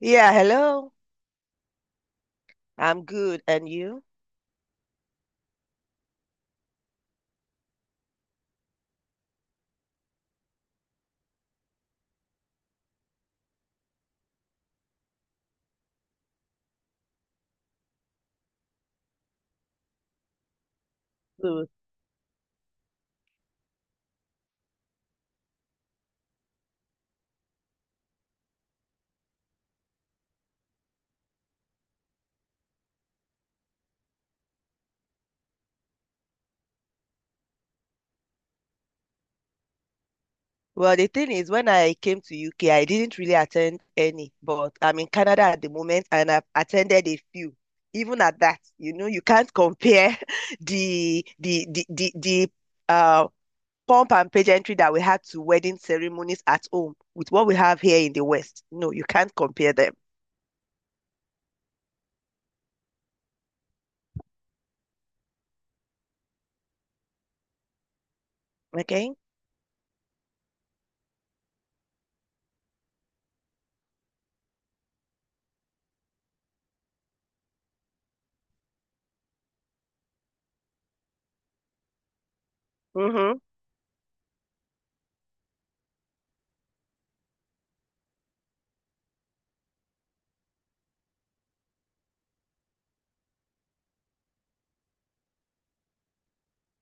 Yeah, hello. I'm good. And you? Good. Well, the thing is, when I came to UK, I didn't really attend any, but I'm in Canada at the moment and I've attended a few. Even at that, you know, you can't compare the uh pomp and pageantry that we had to wedding ceremonies at home with what we have here in the West. No, you can't compare them. Okay? Mm-hmm.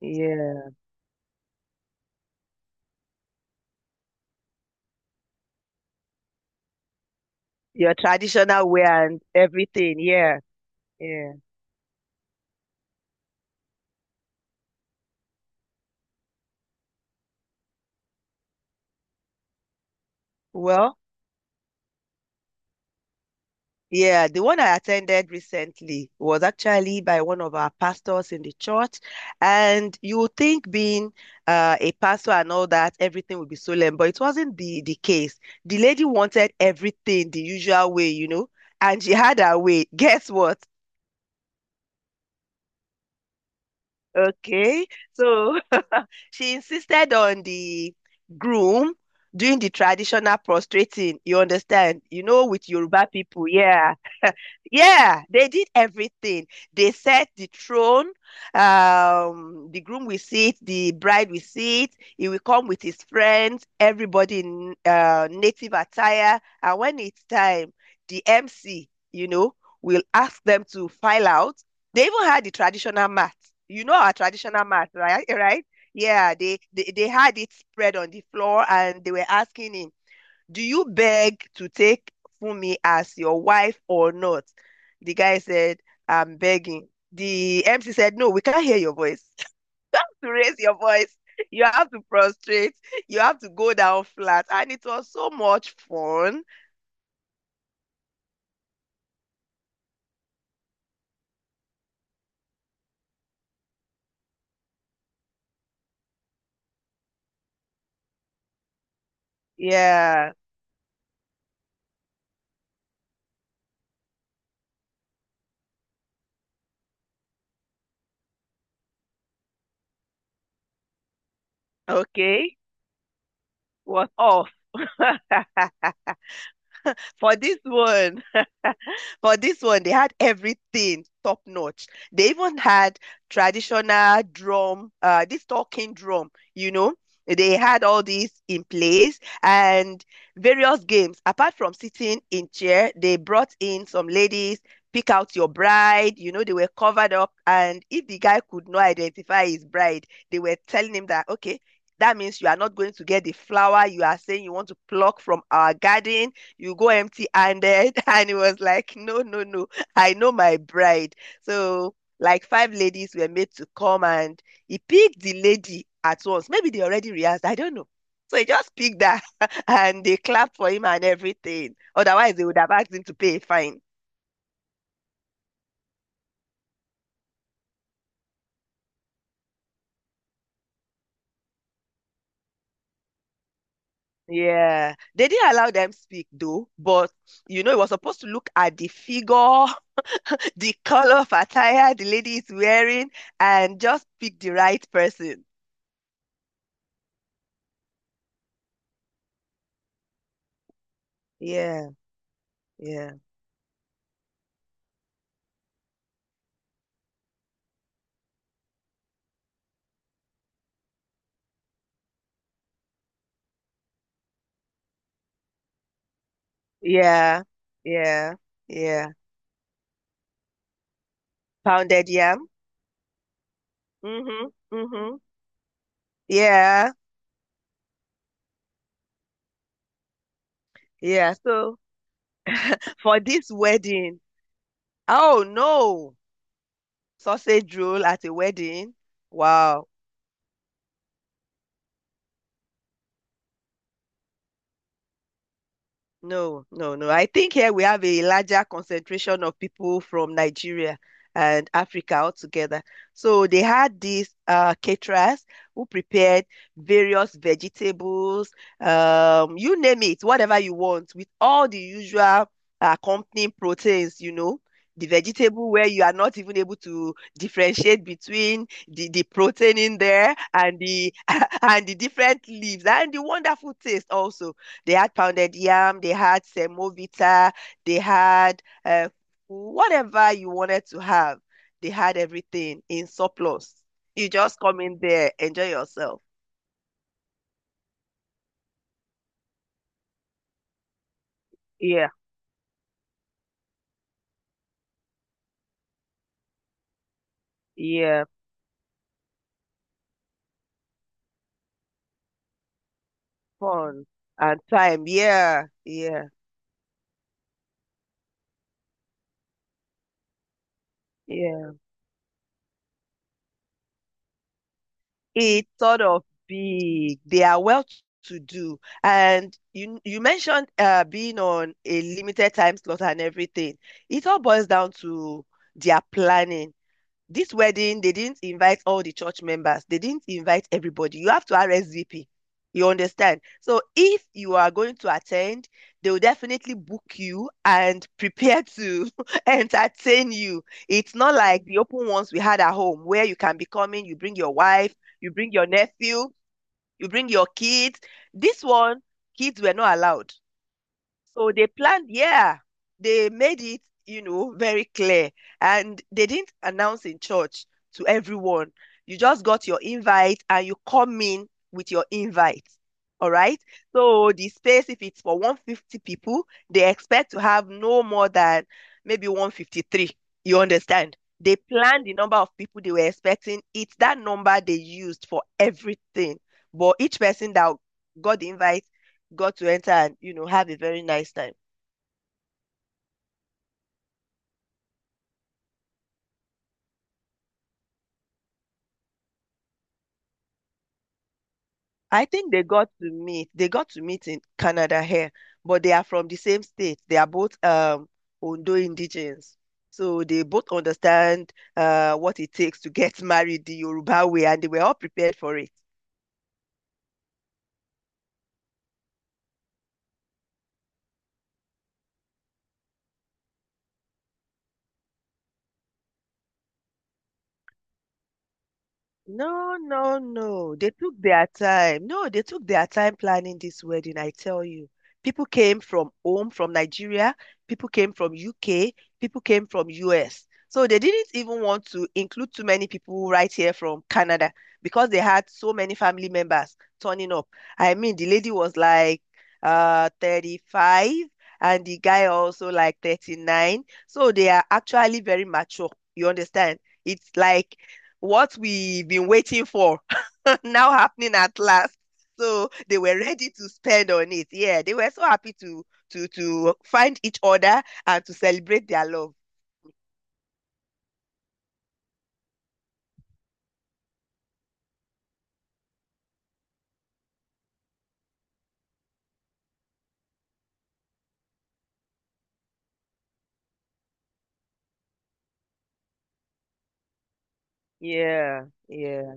Yeah. Your traditional wear and everything. Yeah. Yeah. Well, yeah, the one I attended recently was actually by one of our pastors in the church. And you would think being a pastor and all that, everything would be solemn, but it wasn't the case. The lady wanted everything the usual way, you know, and she had her way. Guess what? Okay. So she insisted on the groom doing the traditional prostrating, you understand? You know, with Yoruba people. Yeah. Yeah, they did everything. They set the throne. The groom will sit, the bride will sit. He will come with his friends, everybody in native attire. And when it's time, the MC, you know, will ask them to file out. They even had the traditional mat. You know our traditional mat, right? Right? Yeah, they had it spread on the floor, and they were asking him, do you beg to take Funmi as your wife or not? The guy said, I'm begging. The MC said, no, we can't hear your voice. You have to raise your voice. You have to prostrate. You have to go down flat. And it was so much fun. Yeah. Okay. Was off. For this one, for this one, they had everything top notch. They even had traditional drum, this talking drum, you know. They had all these in place and various games. Apart from sitting in chair, they brought in some ladies, pick out your bride. You know, they were covered up. And if the guy could not identify his bride, they were telling him that, okay, that means you are not going to get the flower you are saying you want to pluck from our garden, you go empty-handed. And it was like, no, no, no, I know my bride. So like five ladies were made to come and he picked the lady at once. Maybe they already rehearsed, I don't know. So he just picked that and they clapped for him and everything. Otherwise, they would have asked him to pay a fine. Yeah, they didn't allow them speak though, but you know, it was supposed to look at the figure, the color of attire the lady is wearing, and just pick the right person. Yeah, yeah. Yeah, yeah, yeah. Pounded yam. Mm-hmm, mm-hmm. Yeah, yeah. So for this wedding, oh no, sausage roll at a wedding. Wow. No, no, no. I think here we have a larger concentration of people from Nigeria and Africa altogether. So they had these caterers who prepared various vegetables, you name it, whatever you want, with all the usual accompanying proteins, you know, the vegetable where you are not even able to differentiate between the protein in there and the and the different leaves and the wonderful taste also. They had pounded yam, they had semovita, they had whatever you wanted to have. They had everything in surplus. You just come in there, enjoy yourself. Yeah, yeah, fun and time. Yeah, yeah, yeah. It's sort of big. They are well to do. And you mentioned being on a limited time slot and everything. It all boils down to their planning. This wedding, they didn't invite all the church members. They didn't invite everybody. You have to RSVP. You understand? So if you are going to attend, they will definitely book you and prepare to entertain you. It's not like the open ones we had at home where you can be coming, you bring your wife, you bring your nephew, you bring your kids. This one, kids were not allowed. So they planned, yeah, they made it, you know, very clear. And they didn't announce in church to everyone. You just got your invite and you come in with your invite. All right. So the space, if it's for 150 people, they expect to have no more than maybe 153. You understand? They planned the number of people they were expecting. It's that number they used for everything. But each person that got the invite got to enter and, you know, have a very nice time. I think they got to meet. They got to meet in Canada here, but they are from the same state. They are both Ondo indigenes. So they both understand what it takes to get married the Yoruba way and they were all prepared for it. No, no, no. They took their time. No, they took their time planning this wedding, I tell you. People came from home, from Nigeria, people came from UK, people came from US. So they didn't even want to include too many people right here from Canada because they had so many family members turning up. I mean, the lady was like 35 and the guy also like 39. So they are actually very mature. You understand? It's like what we've been waiting for now happening at last. So they were ready to spend on it. Yeah, they were so happy to to find each other and to celebrate their love. Yeah, yeah,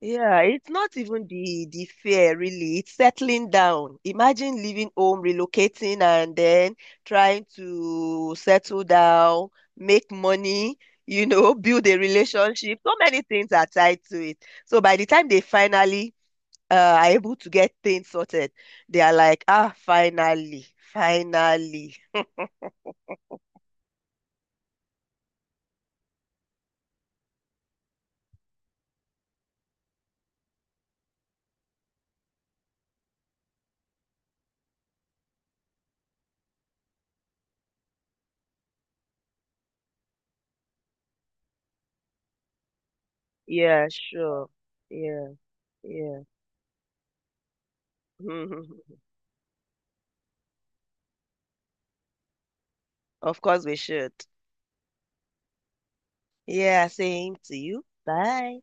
yeah. It's not even the fear really. It's settling down. Imagine leaving home, relocating, and then trying to settle down, make money, you know, build a relationship. So many things are tied to it. So by the time they finally are able to get things sorted, they are like, ah, finally, finally. Yeah, sure. Yeah, yeah. Of course we should. Yeah, same to you. Bye.